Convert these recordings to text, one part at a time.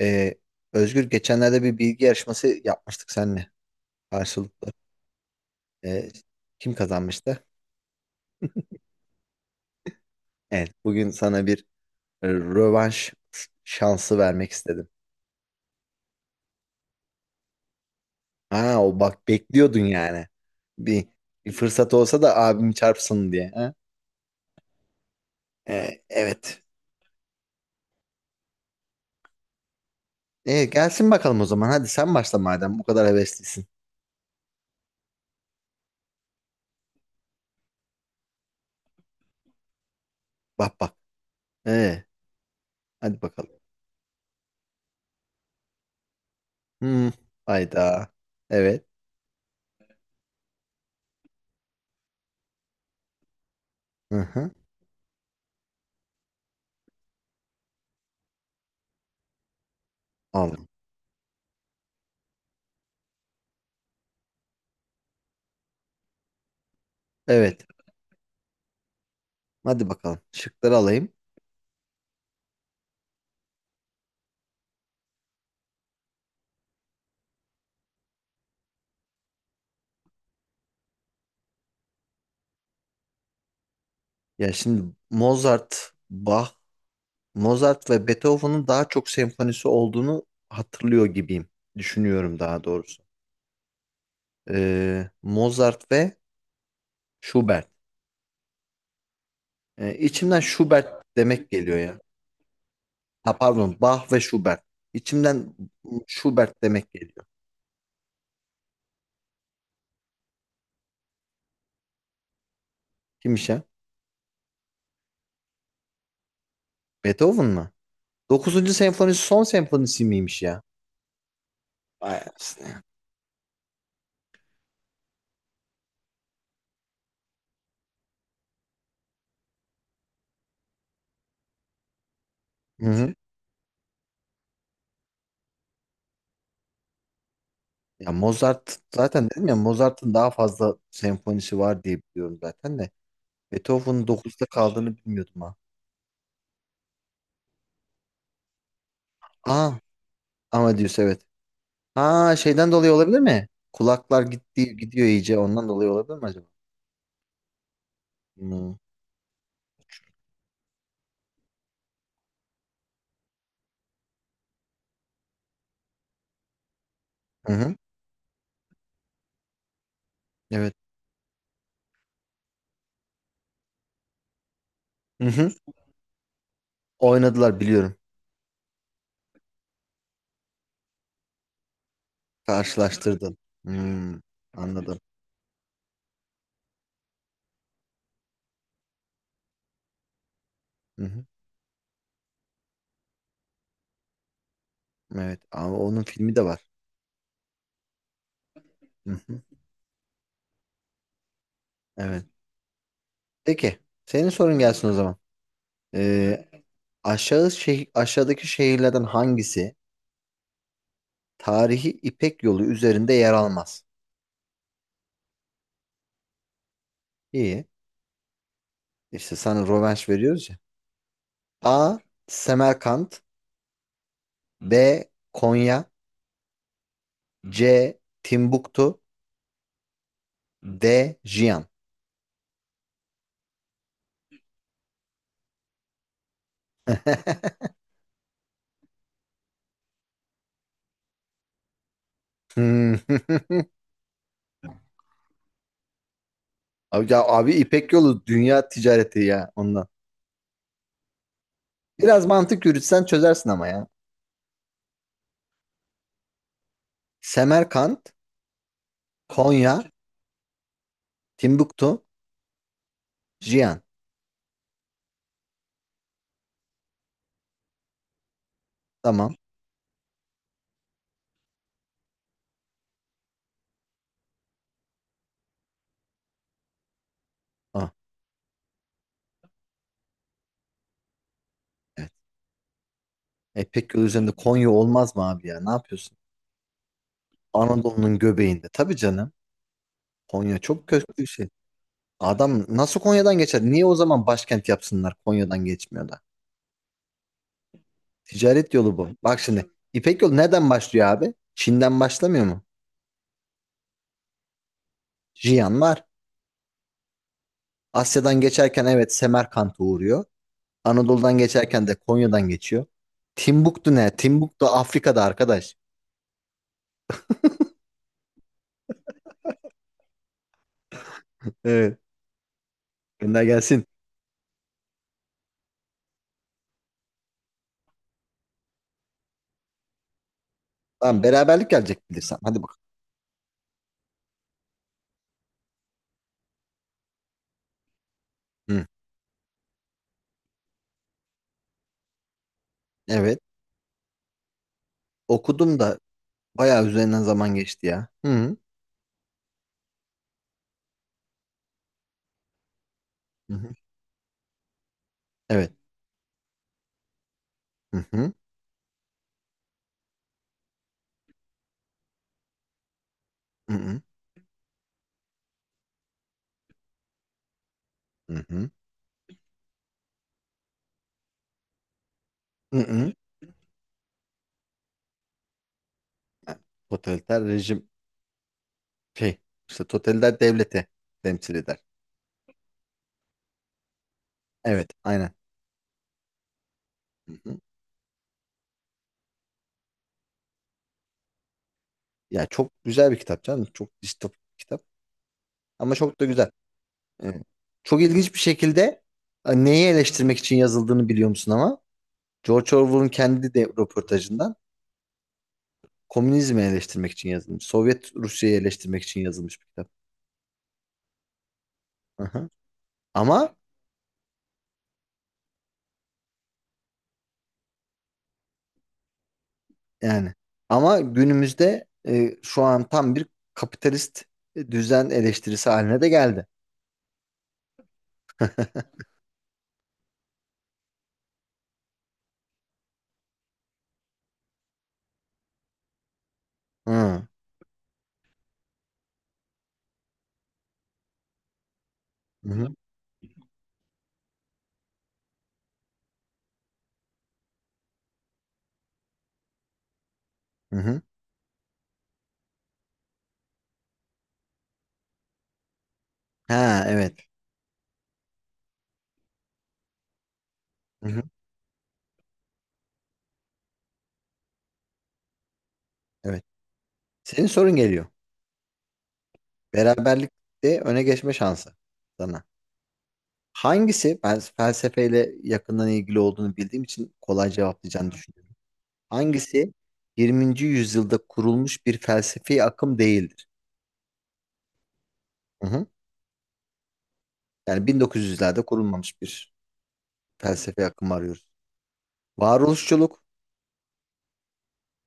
Ee, Özgür geçenlerde bir bilgi yarışması yapmıştık seninle karşılıklı. Ee, kim kazanmıştı? Evet, bugün sana bir rövanş şansı vermek istedim. Ha, o bak bekliyordun yani. Bir, bir fırsat olsa da abimi çarpsın diye. Ha? Evet. Gelsin bakalım o zaman. Hadi sen başla madem bu kadar heveslisin. Bak bak. Ee, hadi bakalım. Hmm, hayda. Evet. Hı hı. Aldım. Evet. Hadi bakalım. Şıkları alayım. Ya şimdi Mozart, Bach, Mozart ve Beethoven'ın daha çok senfonisi olduğunu hatırlıyor gibiyim. Düşünüyorum daha doğrusu. Mozart ve Schubert. İçimden Schubert demek geliyor ya. Ha pardon, Bach ve Schubert. İçimden Schubert demek geliyor. Kimmiş ya? Beethoven mı? 9. senfonisi son senfonisi miymiş ya? Vay anasını. Hı hı. Ya Mozart zaten dedim ya Mozart'ın daha fazla senfonisi var diye biliyorum zaten de. Beethoven'ın dokuzda kaldığını bilmiyordum ha. Aa, Amadeus evet. Ha şeyden dolayı olabilir mi? Kulaklar gitti, gidiyor iyice ondan dolayı olabilir mi acaba? Hmm. Hı hı. Evet. Hı hı. Oynadılar biliyorum. Karşılaştırdın. Hmm. Anladım. Hı hı. Evet ama onun filmi de var. Hı hı. Evet. Peki senin sorun gelsin o zaman. Ee, aşağıdaki şehirlerden hangisi tarihi İpek Yolu üzerinde yer almaz? İyi. İşte sana rövanş veriyoruz. A. Semerkant. B. Konya. C. Timbuktu. D. Jiyan. Hmm. Abi, ya, abi İpek Yolu dünya ticareti ya ondan. Biraz mantık yürütsen çözersin ama ya. Semerkant, Konya, Timbuktu, Jiyan. Tamam. Ah, evet. İpek Yolu üzerinde Konya olmaz mı abi ya? Ne yapıyorsun? Anadolu'nun göbeğinde. Tabii canım. Konya çok köklü bir şey. Adam nasıl Konya'dan geçer? Niye o zaman başkent yapsınlar? Konya'dan geçmiyor da. Ticaret yolu bu. Bak şimdi İpek yolu nereden başlıyor abi? Çin'den başlamıyor mu? Jiyan var. Asya'dan geçerken evet Semerkant'a uğruyor. Anadolu'dan geçerken de Konya'dan geçiyor. Timbuktu ne? Timbuktu Afrika'da arkadaş. Evet. Gönder gelsin. Tamam beraberlik gelecek bilirsem. Hadi bakalım. Hı. Evet. Okudum da bayağı üzerinden zaman geçti ya. Hı hı. Hı hı. Evet. Hı hı. Hı hı. Hı hı. Hı hı. Totaliter rejim şey işte totaliter devleti temsil eder. Evet, aynen. Hı hı. Ya çok güzel bir kitap canım. Çok distopik bir kitap. Ama çok da güzel. Evet. Çok ilginç bir şekilde neyi eleştirmek için yazıldığını biliyor musun ama? George Orwell'ın kendi de röportajından komünizmi eleştirmek için yazılmış. Sovyet Rusya'yı eleştirmek için yazılmış bir kitap. Hı hı. Ama yani günümüzde şu an tam bir kapitalist düzen eleştirisi haline de geldi. Hı. Hı hı. Hı. Ha evet. Hı hı. Evet. Senin sorun geliyor. Beraberlikte öne geçme şansı sana. Hangisi, ben felsefeyle yakından ilgili olduğunu bildiğim için kolay cevaplayacağını düşünüyorum. Hangisi 20. yüzyılda kurulmuş bir felsefi akım değildir? Hı hı. Yani 1900'lerde kurulmamış bir felsefi akım arıyoruz. Varoluşçuluk,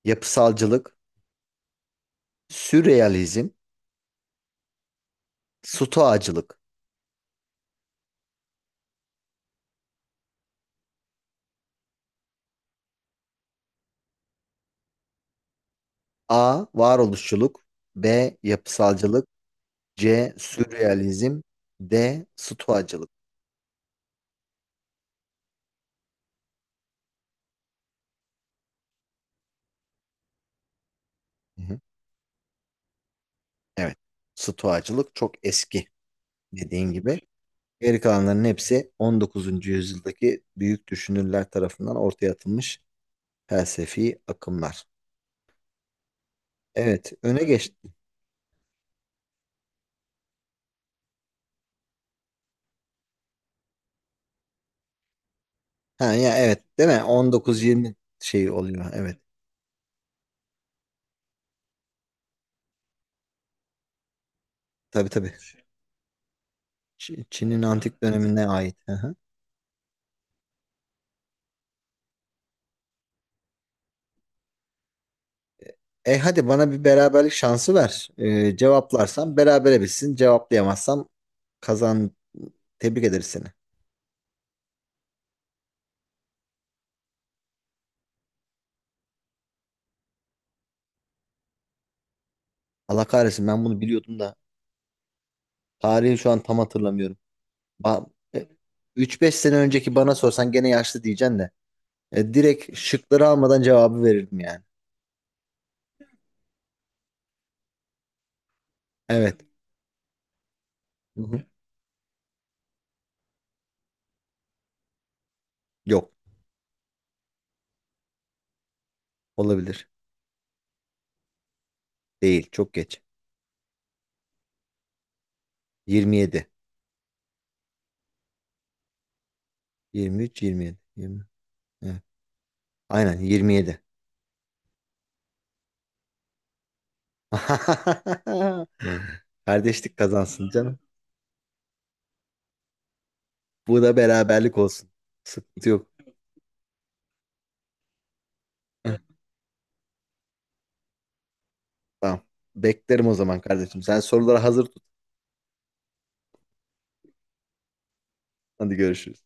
yapısalcılık, sürrealizm, stoacılık. A. Varoluşçuluk. B. Yapısalcılık. C. Sürrealizm. D. Stoacılık. Hı. Evet. Stoacılık çok eski dediğin gibi. Geri kalanların hepsi 19. yüzyıldaki büyük düşünürler tarafından ortaya atılmış felsefi akımlar. Evet, öne geçti. Ha ya evet, değil mi? 19-20 şey oluyor. Evet. Tabii tabii. Çin'in antik dönemine ait. Hı hı. E hadi bana bir beraberlik şansı ver. E, cevaplarsam berabere bitsin. Cevaplayamazsam kazan. Tebrik ederiz seni. Allah kahretsin ben bunu biliyordum da tarihi şu an tam hatırlamıyorum. Ba- e, 3-5 sene önceki bana sorsan gene yaşlı diyeceksin de. E, direkt şıkları almadan cevabı verirdim yani. Evet. Hı hı. Yok. Olabilir. Değil. Çok geç. 27. 23, 27. 20. Evet. Aynen 27. Kardeşlik kazansın canım. Bu da beraberlik olsun. Sıkıntı yok. Heh, tamam. Beklerim o zaman kardeşim. Sen soruları hazır tut. Hadi görüşürüz.